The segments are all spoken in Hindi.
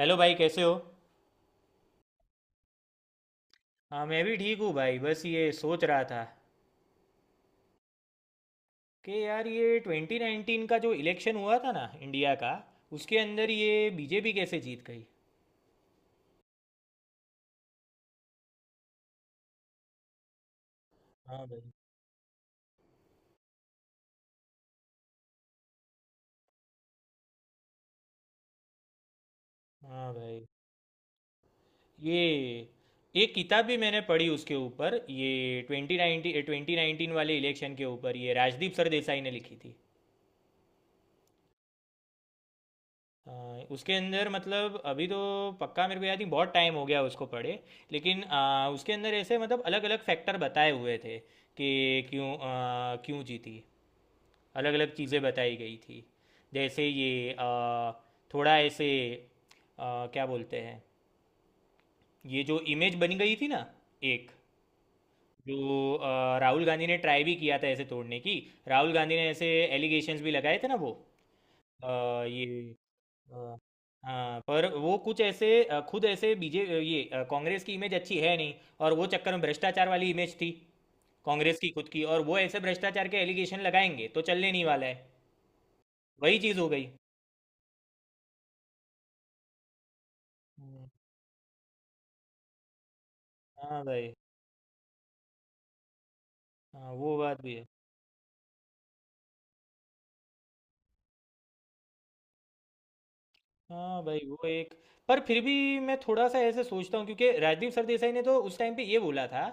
हेलो भाई, कैसे हो। हाँ, मैं भी ठीक हूँ भाई। बस ये सोच रहा था कि यार ये 2019 का जो इलेक्शन हुआ था ना इंडिया का, उसके अंदर ये बीजेपी कैसे जीत गई। हाँ भाई। हाँ भाई। ये एक किताब भी मैंने पढ़ी उसके ऊपर, ये 2019 वाले इलेक्शन के ऊपर, ये राजदीप सरदेसाई ने लिखी थी। हाँ, उसके अंदर मतलब अभी तो पक्का मेरे को याद नहीं, बहुत टाइम हो गया उसको पढ़े। लेकिन उसके अंदर ऐसे मतलब अलग अलग फैक्टर बताए हुए थे कि क्यों, क्यों जीती। अलग अलग चीज़ें बताई गई थी। जैसे ये थोड़ा ऐसे क्या बोलते हैं, ये जो इमेज बनी गई थी ना एक, जो राहुल गांधी ने ट्राई भी किया था ऐसे तोड़ने की। राहुल गांधी ने ऐसे एलिगेशंस भी लगाए थे ना वो। अ, ये अ, हाँ पर वो कुछ ऐसे खुद ऐसे बीजे अ, ये अ, कांग्रेस की इमेज अच्छी है नहीं, और वो चक्कर में भ्रष्टाचार वाली इमेज थी कांग्रेस की खुद की, और वो ऐसे भ्रष्टाचार के एलिगेशन लगाएंगे तो चलने नहीं वाला है। वही चीज़ हो गई। हम्म। हाँ भाई। हाँ, वो बात भी है। हाँ भाई। वो एक पर फिर भी मैं थोड़ा सा ऐसे सोचता हूँ, क्योंकि राजदीप सरदेसाई ने तो उस टाइम पे ये बोला था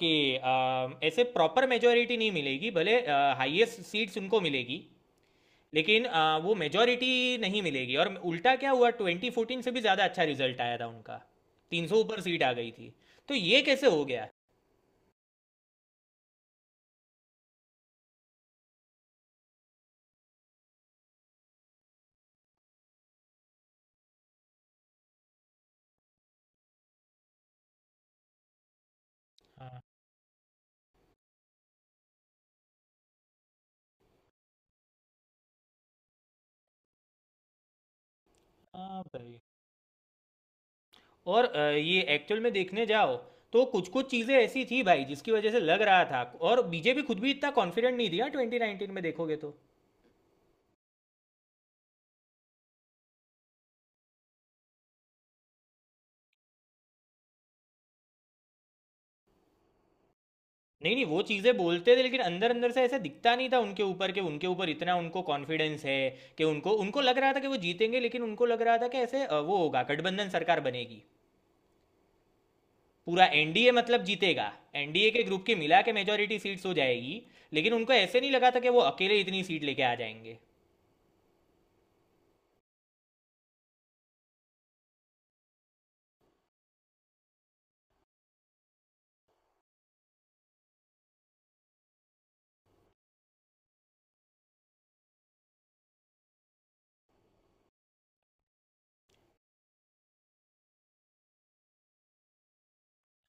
कि ऐसे प्रॉपर मेजोरिटी नहीं मिलेगी भले, हाईएस्ट सीट्स उनको मिलेगी, लेकिन वो मेजॉरिटी नहीं मिलेगी। और उल्टा क्या हुआ, 2014 से भी ज़्यादा अच्छा रिजल्ट आया था उनका, 300 ऊपर सीट आ गई थी। तो ये कैसे हो गया? हाँ। हाँ भाई। और ये एक्चुअल में देखने जाओ तो कुछ कुछ चीज़ें ऐसी थी भाई जिसकी वजह से लग रहा था। और बीजेपी खुद भी इतना कॉन्फिडेंट नहीं थी यार, 2019 में देखोगे तो। नहीं नहीं, वो चीज़ें बोलते थे लेकिन अंदर अंदर से ऐसा दिखता नहीं था उनके ऊपर कि उनके ऊपर इतना उनको कॉन्फिडेंस है। कि उनको उनको लग रहा था कि वो जीतेंगे, लेकिन उनको लग रहा था कि ऐसे वो होगा, गठबंधन सरकार बनेगी, पूरा एनडीए मतलब जीतेगा। एनडीए के ग्रुप की मिला के मेजोरिटी सीट्स हो जाएगी। लेकिन उनको ऐसे नहीं लगा था कि वो अकेले इतनी सीट लेके आ जाएंगे।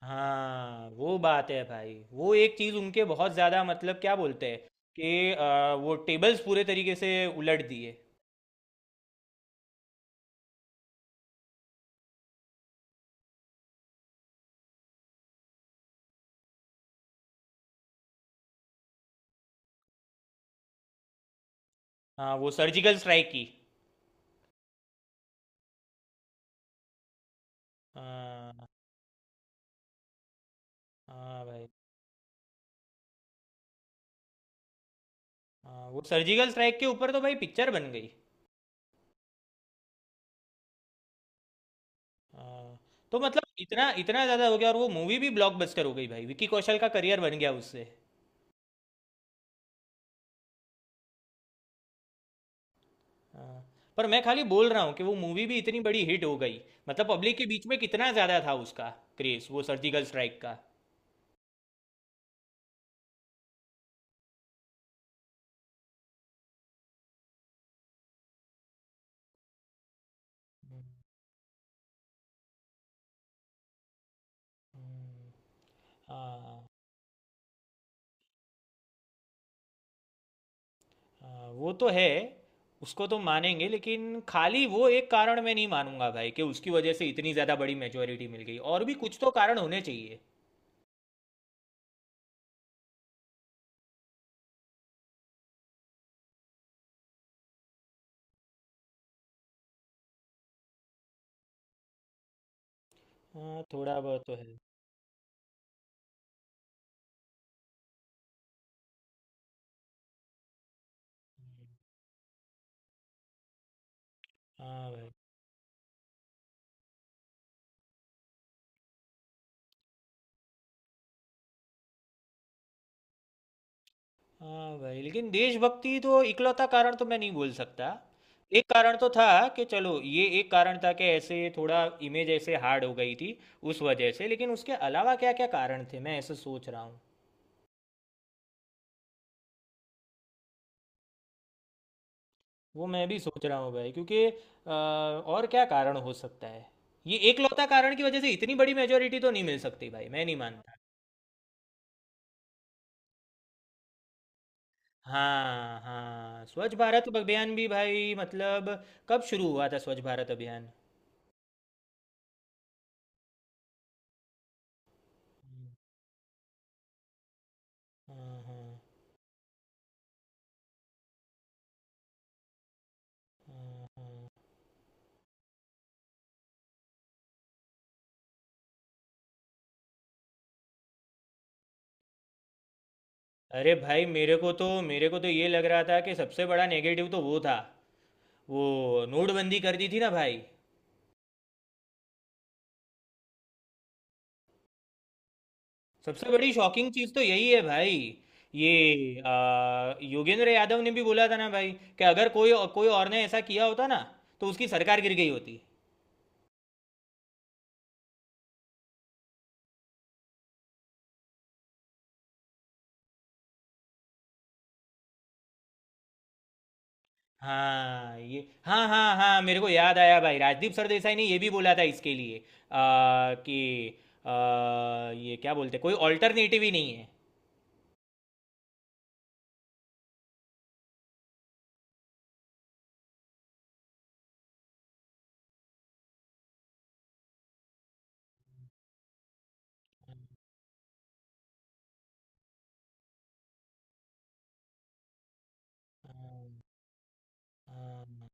हाँ वो बात है भाई, वो एक चीज़ उनके बहुत ज़्यादा मतलब क्या बोलते हैं, कि वो टेबल्स पूरे तरीके से उलट दिए। हाँ वो सर्जिकल स्ट्राइक की। हाँ। हाँ भाई। हाँ वो सर्जिकल स्ट्राइक के ऊपर तो भाई पिक्चर बन गई। हाँ। तो मतलब इतना इतना ज़्यादा हो गया, और वो मूवी भी ब्लॉकबस्टर हो गई भाई, विकी कौशल का करियर बन गया उससे। हाँ, पर मैं खाली बोल रहा हूँ कि वो मूवी भी इतनी बड़ी हिट हो गई, मतलब पब्लिक के बीच में कितना ज़्यादा था उसका क्रेज़ वो सर्जिकल स्ट्राइक का। हाँ। हाँ, वो तो है। उसको तो मानेंगे, लेकिन खाली वो एक कारण मैं नहीं मानूंगा भाई कि उसकी वजह से इतनी ज़्यादा बड़ी मेजोरिटी मिल गई, और भी कुछ तो कारण होने चाहिए। हाँ, थोड़ा बहुत तो है। हाँ भाई। हाँ भाई, लेकिन देशभक्ति तो इकलौता कारण तो मैं नहीं बोल सकता। एक कारण तो था, कि चलो ये एक कारण था कि ऐसे थोड़ा इमेज ऐसे हार्ड हो गई थी उस वजह से, लेकिन उसके अलावा क्या क्या कारण थे मैं ऐसे सोच रहा हूँ। वो मैं भी सोच रहा हूँ भाई, क्योंकि और क्या कारण हो सकता है, ये एकलौता कारण की वजह से इतनी बड़ी मेजोरिटी तो नहीं मिल सकती भाई, मैं नहीं मानता। हाँ हाँ, स्वच्छ भारत अभियान भी भाई मतलब। कब शुरू हुआ था स्वच्छ भारत अभियान? हाँ हाँ। अरे भाई, मेरे को तो ये लग रहा था कि सबसे बड़ा नेगेटिव तो वो था, वो नोटबंदी कर दी थी ना भाई। सबसे बड़ी शॉकिंग चीज़ तो यही है भाई। ये योगेंद्र यादव ने भी बोला था ना भाई, कि अगर कोई कोई और ने ऐसा किया होता ना, तो उसकी सरकार गिर गई होती। हाँ ये। हाँ हाँ हाँ, मेरे को याद आया भाई, राजदीप सरदेसाई ने ये भी बोला था इसके लिए कि आ, ये क्या बोलते, कोई ऑल्टरनेटिव ही नहीं है। हाँ, हाँ, हाँ,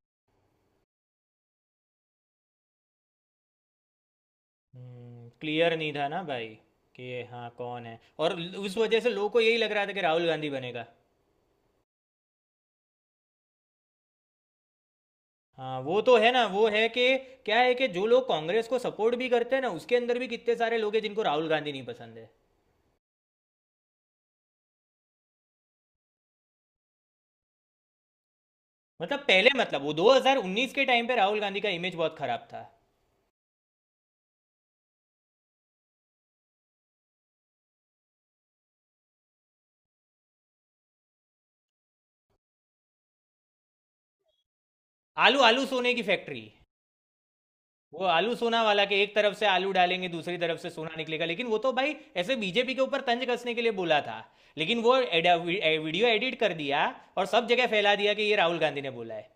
क्लियर नहीं था ना भाई, कि हाँ कौन है, और उस वजह से लोगों को यही लग रहा था कि राहुल गांधी बनेगा। हाँ वो तो है ना, वो है कि क्या है कि जो लोग कांग्रेस को सपोर्ट भी करते हैं ना, उसके अंदर भी कितने सारे लोग हैं जिनको राहुल गांधी नहीं पसंद है। मतलब पहले मतलब वो 2019 के टाइम पे राहुल गांधी का इमेज बहुत खराब था। आलू आलू सोने की फैक्ट्री। वो आलू सोना वाला के, एक तरफ से आलू डालेंगे दूसरी तरफ से सोना निकलेगा, लेकिन वो तो भाई ऐसे बीजेपी के ऊपर तंज कसने के लिए बोला था, लेकिन वो वीडियो एडिट कर दिया, और सब जगह फैला दिया कि ये राहुल गांधी ने बोला है।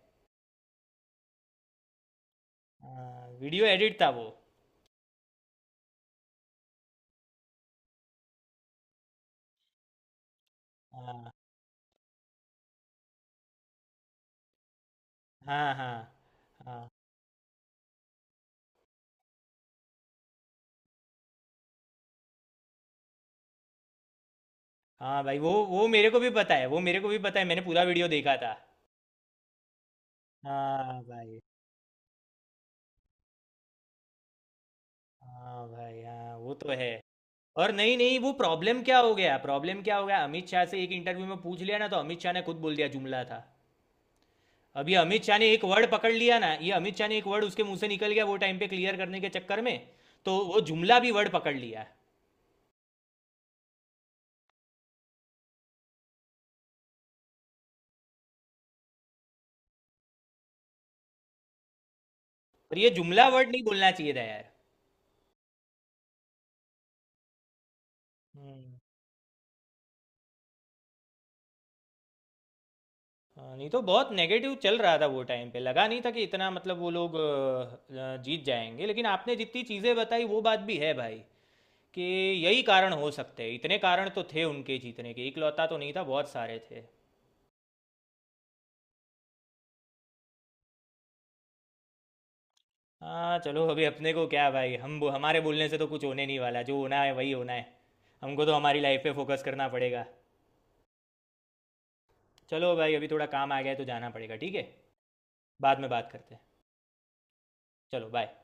हाँ, वीडियो एडिट था वो। हाँ, हाँ, हाँ, हाँ। हाँ भाई, वो मेरे को भी पता है, वो मेरे को भी पता है, मैंने पूरा वीडियो देखा था। हाँ भाई। हाँ भाई। हाँ वो तो है। और नहीं नहीं वो, प्रॉब्लम क्या हो गया, प्रॉब्लम क्या हो गया, अमित शाह से एक इंटरव्यू में पूछ लिया ना, तो अमित शाह ने खुद बोल दिया जुमला था। अभी अमित शाह ने एक वर्ड पकड़ लिया ना, ये अमित शाह ने एक वर्ड उसके मुंह से निकल गया वो टाइम पे क्लियर करने के चक्कर में। तो वो जुमला भी वर्ड पकड़ लिया। और ये जुमला वर्ड नहीं बोलना चाहिए था यार। हम्म। हाँ, नहीं तो बहुत नेगेटिव चल रहा था वो टाइम पे, लगा नहीं था कि इतना मतलब वो लोग जीत जाएंगे, लेकिन आपने जितनी चीज़ें बताई वो बात भी है भाई, कि यही कारण हो सकते हैं, इतने कारण तो थे उनके जीतने के, इकलौता तो नहीं था, बहुत सारे थे। हाँ चलो, अभी अपने को क्या भाई, हम हमारे बोलने से तो कुछ होने नहीं वाला, जो होना है वही होना है। हमको तो हमारी लाइफ पे फोकस करना पड़ेगा। चलो भाई, अभी थोड़ा काम आ गया है तो जाना पड़ेगा, ठीक है। बाद में बात करते हैं। चलो बाय।